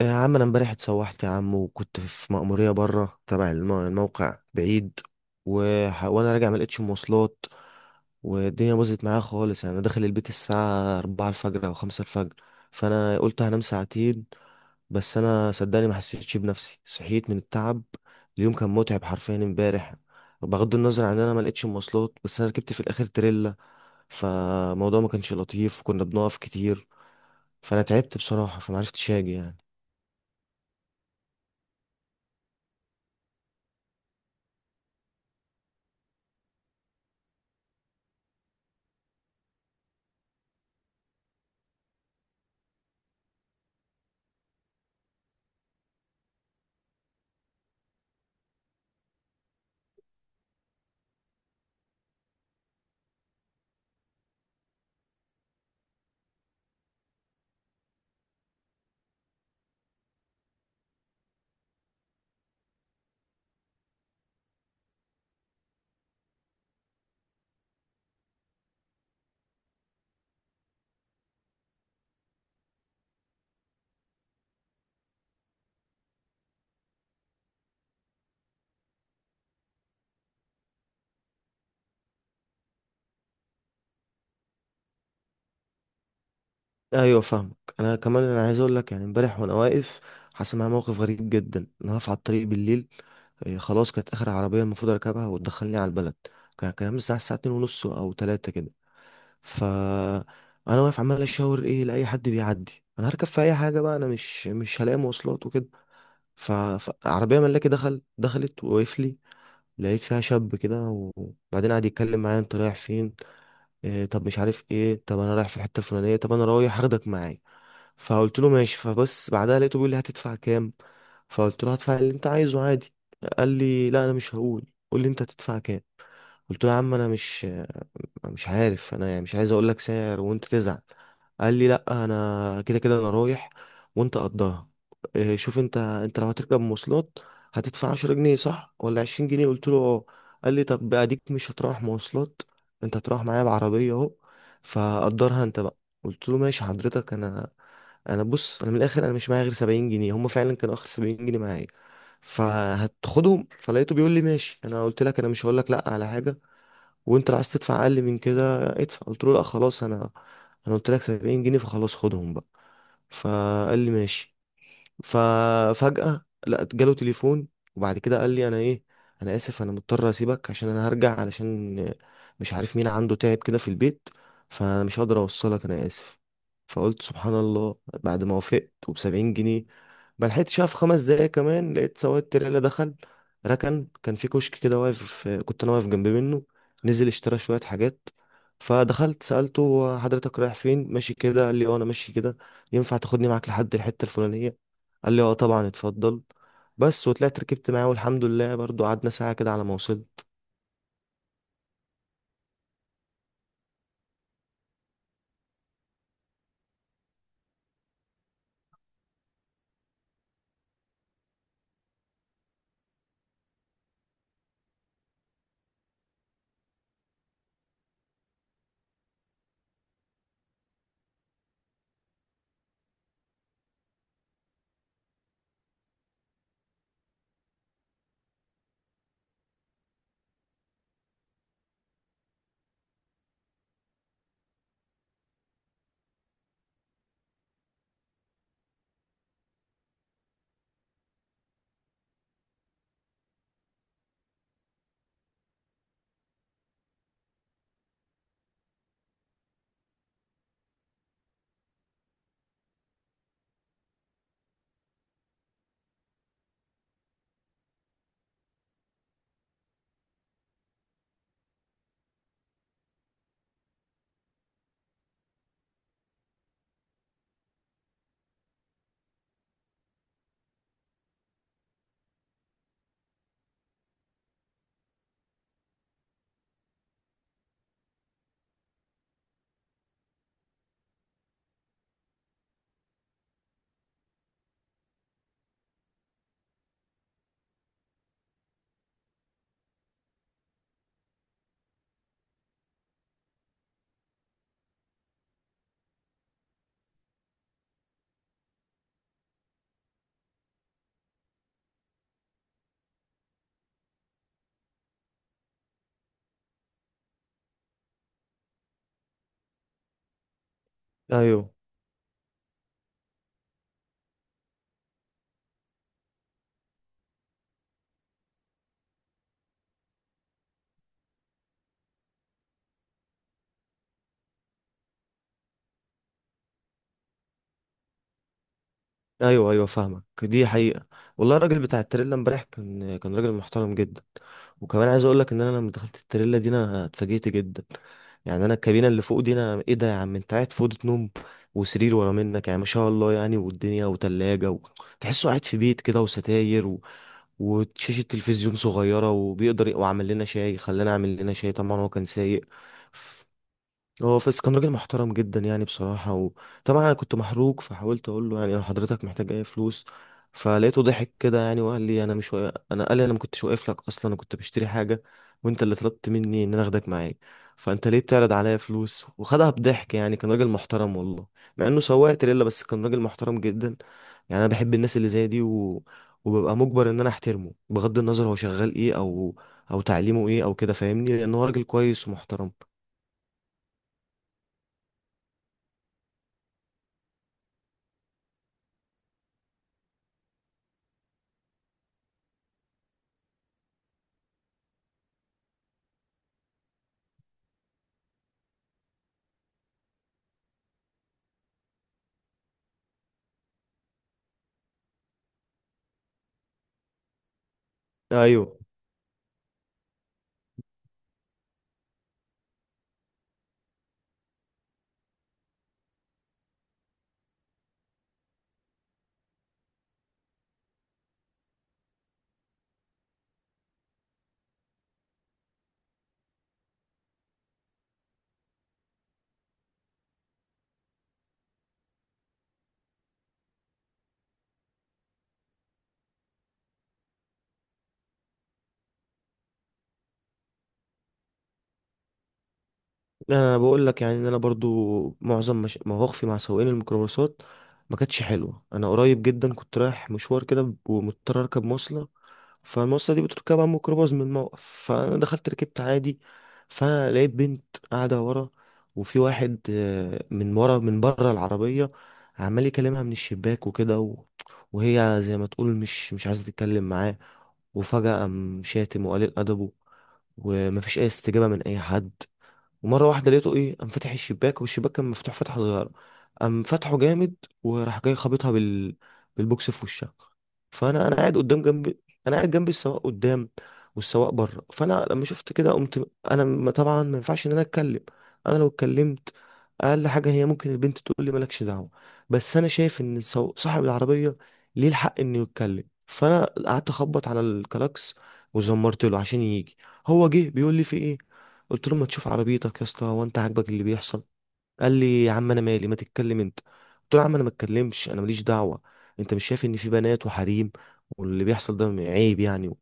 يا عم انا امبارح اتسوحت يا عم، وكنت في مأمورية بره تبع الموقع بعيد. وانا راجع ما لقيتش مواصلات، والدنيا باظت معايا خالص. يعني انا داخل البيت الساعة 4 الفجر او 5 الفجر، فانا قلت هنام ساعتين. بس انا صدقني ما حسيتش بنفسي، صحيت من التعب. اليوم كان متعب حرفيا امبارح، بغض النظر عن ان انا ما لقيتش مواصلات. بس انا ركبت في الاخر تريلا، فالموضوع ما كانش لطيف، وكنا بنقف كتير، فانا تعبت بصراحة، فما عرفتش اجي يعني. ايوه فاهمك. انا كمان انا عايز اقول لك، يعني امبارح وانا واقف، حصل معايا موقف غريب جدا. انا واقف على الطريق بالليل، إيه، خلاص، كانت اخر عربيه المفروض اركبها وتدخلني على البلد. كان الساعه 2 ونص او 3 كده. ف انا واقف عمال اشاور ايه لاي حد بيعدي، انا هركب في اي حاجه بقى، انا مش هلاقي مواصلات وكده. ف- فعربيه ملاكي دخلت ووقف لي. لقيت فيها شاب كده، وبعدين قعد يتكلم معايا: انت رايح فين؟ إيه؟ طب مش عارف ايه؟ طب انا رايح في الحته الفلانيه. طب انا رايح هاخدك معايا. فقلت له ماشي. فبس بعدها لقيته بيقول لي: هتدفع كام؟ فقلت له هدفع اللي انت عايزه عادي. قال لي: لا، انا مش هقول، قول لي انت هتدفع كام. قلت له: يا عم انا مش عارف، انا يعني مش عايز اقول لك سعر وانت تزعل. قال لي: لا، انا كده كده انا رايح، وانت قضاها. إيه، شوف انت، انت لو هتركب مواصلات هتدفع 10 جنيه صح ولا 20 جنيه؟ قلت له اه. قال لي: طب اديك مش هتروح مواصلات، انت هتروح معايا بعربيه اهو، فقدرها انت بقى. قلت له: ماشي حضرتك، انا انا بص، انا من الاخر انا مش معايا غير 70 جنيه، هم فعلا كانوا اخر 70 جنيه معايا، فهتاخدهم. فلقيته بيقول لي: ماشي، انا قلت لك انا مش هقول لك لا على حاجه، وانت لو عايز تدفع اقل من كده ادفع. قلت له: لا خلاص، انا انا قلت لك 70 جنيه، فخلاص خدهم بقى. فقال لي ماشي. ففجأة لا جاله تليفون، وبعد كده قال لي: انا ايه، انا اسف، انا مضطر اسيبك، عشان انا هرجع، علشان مش عارف مين عنده تعب كده في البيت، فانا مش هقدر اوصلك، انا اسف. فقلت سبحان الله، بعد ما وافقت وبسبعين جنيه. ما لحقتش في خمس دقايق كمان، لقيت سواق التريلا دخل ركن، كان في كشك كده واقف، كنت انا واقف جنب منه، نزل اشترى شوية حاجات، فدخلت سألته: هو حضرتك رايح فين ماشي كده؟ قال لي: اه انا ماشي كده. ينفع تاخدني معاك لحد الحتة الفلانية؟ قال لي اه طبعا اتفضل. بس وطلعت ركبت معاه، والحمد لله برضو قعدنا ساعة كده على ما وصلت. ايوه، ايوه، ايوه فاهمك، دي حقيقة. والله الراجل بتاع التريلا امبارح كان راجل محترم جدا. وكمان عايز اقول لك ان انا لما دخلت التريلا دي انا اتفاجئت جدا. يعني انا الكابينة اللي فوق دي، انا ايه ده يا عم، انت قاعد في أوضة نوم، وسرير ورا منك، يعني ما شاء الله، يعني والدنيا وتلاجة تحسه قاعد في بيت كده، وستاير وشاشة تلفزيون صغيرة، وبيقدر وعمل لنا شاي، خلانا اعمل لنا شاي، طبعا هو كان سايق. هو فاس كان راجل محترم جدا يعني بصراحة. وطبعا أنا كنت محروق، فحاولت أقول له: يعني لو حضرتك محتاج أي فلوس. فلقيته ضحك كده يعني، وقال لي: أنا مش واقف، أنا، قال لي أنا ما كنتش واقف لك أصلا، أنا كنت بشتري حاجة، وأنت اللي طلبت مني إن أنا أخدك معايا، فأنت ليه بتعرض عليا فلوس؟ وخدها بضحك يعني. كان راجل محترم والله، مع إنه سواق تريلا، بس كان راجل محترم جدا. يعني أنا بحب الناس اللي زي دي وببقى مجبر إن أنا أحترمه، بغض النظر هو شغال إيه، أو تعليمه إيه أو كده، فاهمني، لأن هو راجل كويس ومحترم. أيوه. لا، انا بقول لك، يعني ان انا برضو معظم مش... مواقفي مع سواقين الميكروباصات ما كانتش حلوه. انا قريب جدا كنت رايح مشوار كده، ومضطر اركب مواصله، فالمواصله دي بتركبها ميكروباص من الموقف. فانا دخلت ركبت عادي، فانا لقيت بنت قاعده ورا، وفي واحد آه، من ورا، من بره العربيه، عمال يكلمها من الشباك وكده وهي زي ما تقول مش عايزه تتكلم معاه. وفجاه قام شاتم وقليل ادبه، ومفيش اي استجابه من اي حد. ومره واحده لقيته ايه، قام فاتح الشباك، والشباك كان مفتوح فتحه صغيره، قام فتحه جامد، وراح جاي خابطها بالبوكس في وشها. فانا قاعد قدام جنبي، انا قاعد جنب السواق قدام، والسواق بره. فانا لما شفت كده قمت انا، طبعا ما ينفعش ان انا اتكلم، انا لو اتكلمت اقل حاجه هي ممكن البنت تقول لي مالكش دعوه. بس انا شايف ان صاحب العربيه ليه الحق انه يتكلم، فانا قعدت اخبط على الكلاكس وزمرت له عشان يجي. هو جه بيقول لي: في ايه؟ قلت له: ما تشوف عربيتك يا اسطى، هو انت عاجبك اللي بيحصل؟ قال لي: يا عم انا مالي، ما تتكلم انت. قلت له: يا عم انا ما اتكلمش، انا ماليش دعوه. انت مش شايف ان في بنات وحريم، واللي بيحصل ده عيب يعني؟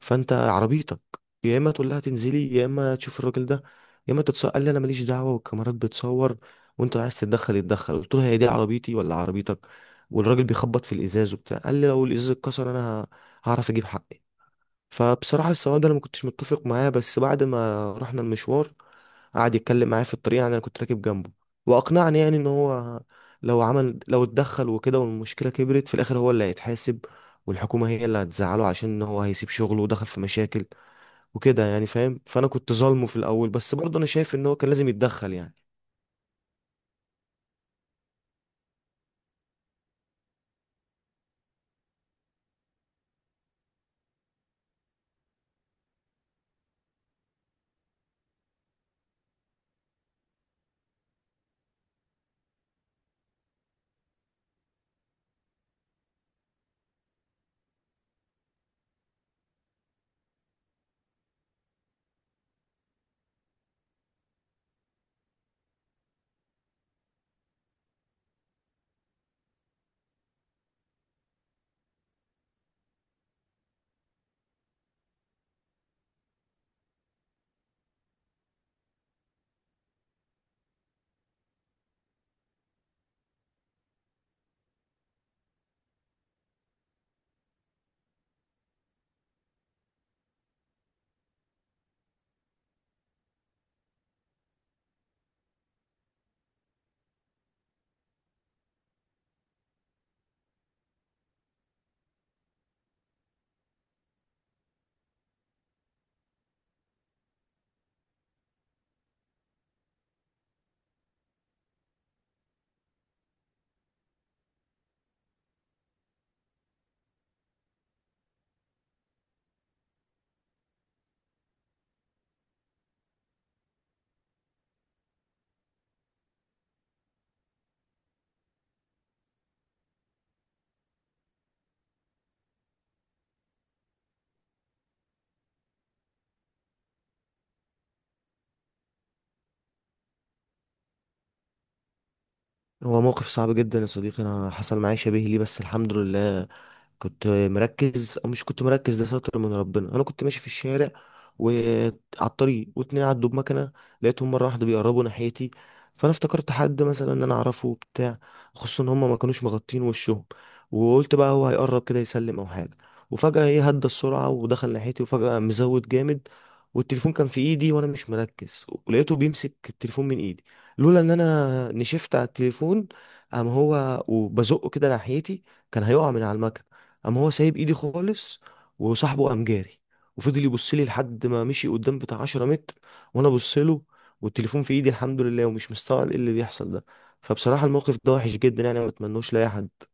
فانت عربيتك، يا اما تقول لها تنزلي، يا اما تشوف الراجل ده، يا اما تتصور. قال لي: انا ماليش دعوه، والكاميرات بتصور، وانت لو عايز تتدخل اتدخل. قلت له: هي دي عربيتي ولا عربيتك؟ والراجل بيخبط في الازاز وبتاع، قال لي: لو الازاز اتكسر انا هعرف اجيب حقي. فبصراحة السواق ده أنا ما كنتش متفق معاه، بس بعد ما رحنا المشوار قعد يتكلم معايا في الطريق، يعني أنا كنت راكب جنبه، وأقنعني يعني إن هو لو عمل، لو اتدخل وكده، والمشكلة كبرت في الآخر، هو اللي هيتحاسب، والحكومة هي اللي هتزعله، عشان إن هو هيسيب شغله ودخل في مشاكل وكده يعني، فاهم. فأنا كنت ظالمه في الأول، بس برضه أنا شايف إن هو كان لازم يتدخل يعني. هو موقف صعب جدا يا صديقي. أنا حصل معايا شبيه ليه، بس الحمد لله كنت مركز، او مش كنت مركز، ده ستر من ربنا. انا كنت ماشي في الشارع، وعلى الطريق واتنين عدوا بمكنه، لقيتهم مره واحده بيقربوا ناحيتي، فانا افتكرت حد مثلا ان انا اعرفه بتاع خصوصا ان هم ما كانوش مغطين وشهم، وقلت بقى هو هيقرب كده يسلم او حاجه. وفجاه ايه هدى السرعه ودخل ناحيتي، وفجاه قام مزود جامد، والتليفون كان في ايدي وانا مش مركز، ولقيته بيمسك التليفون من ايدي. لولا ان انا نشفت على التليفون، قام هو وبزقه كده ناحيتي، كان هيقع من على المكنه، قام هو سايب ايدي خالص، وصاحبه قام جاري، وفضل يبص لي لحد ما مشي قدام بتاع 10 متر، وانا ابص له، والتليفون في ايدي الحمد لله، ومش مستوعب ايه اللي بيحصل ده. فبصراحة الموقف ده وحش جدا يعني، ما اتمنوش لاي حد.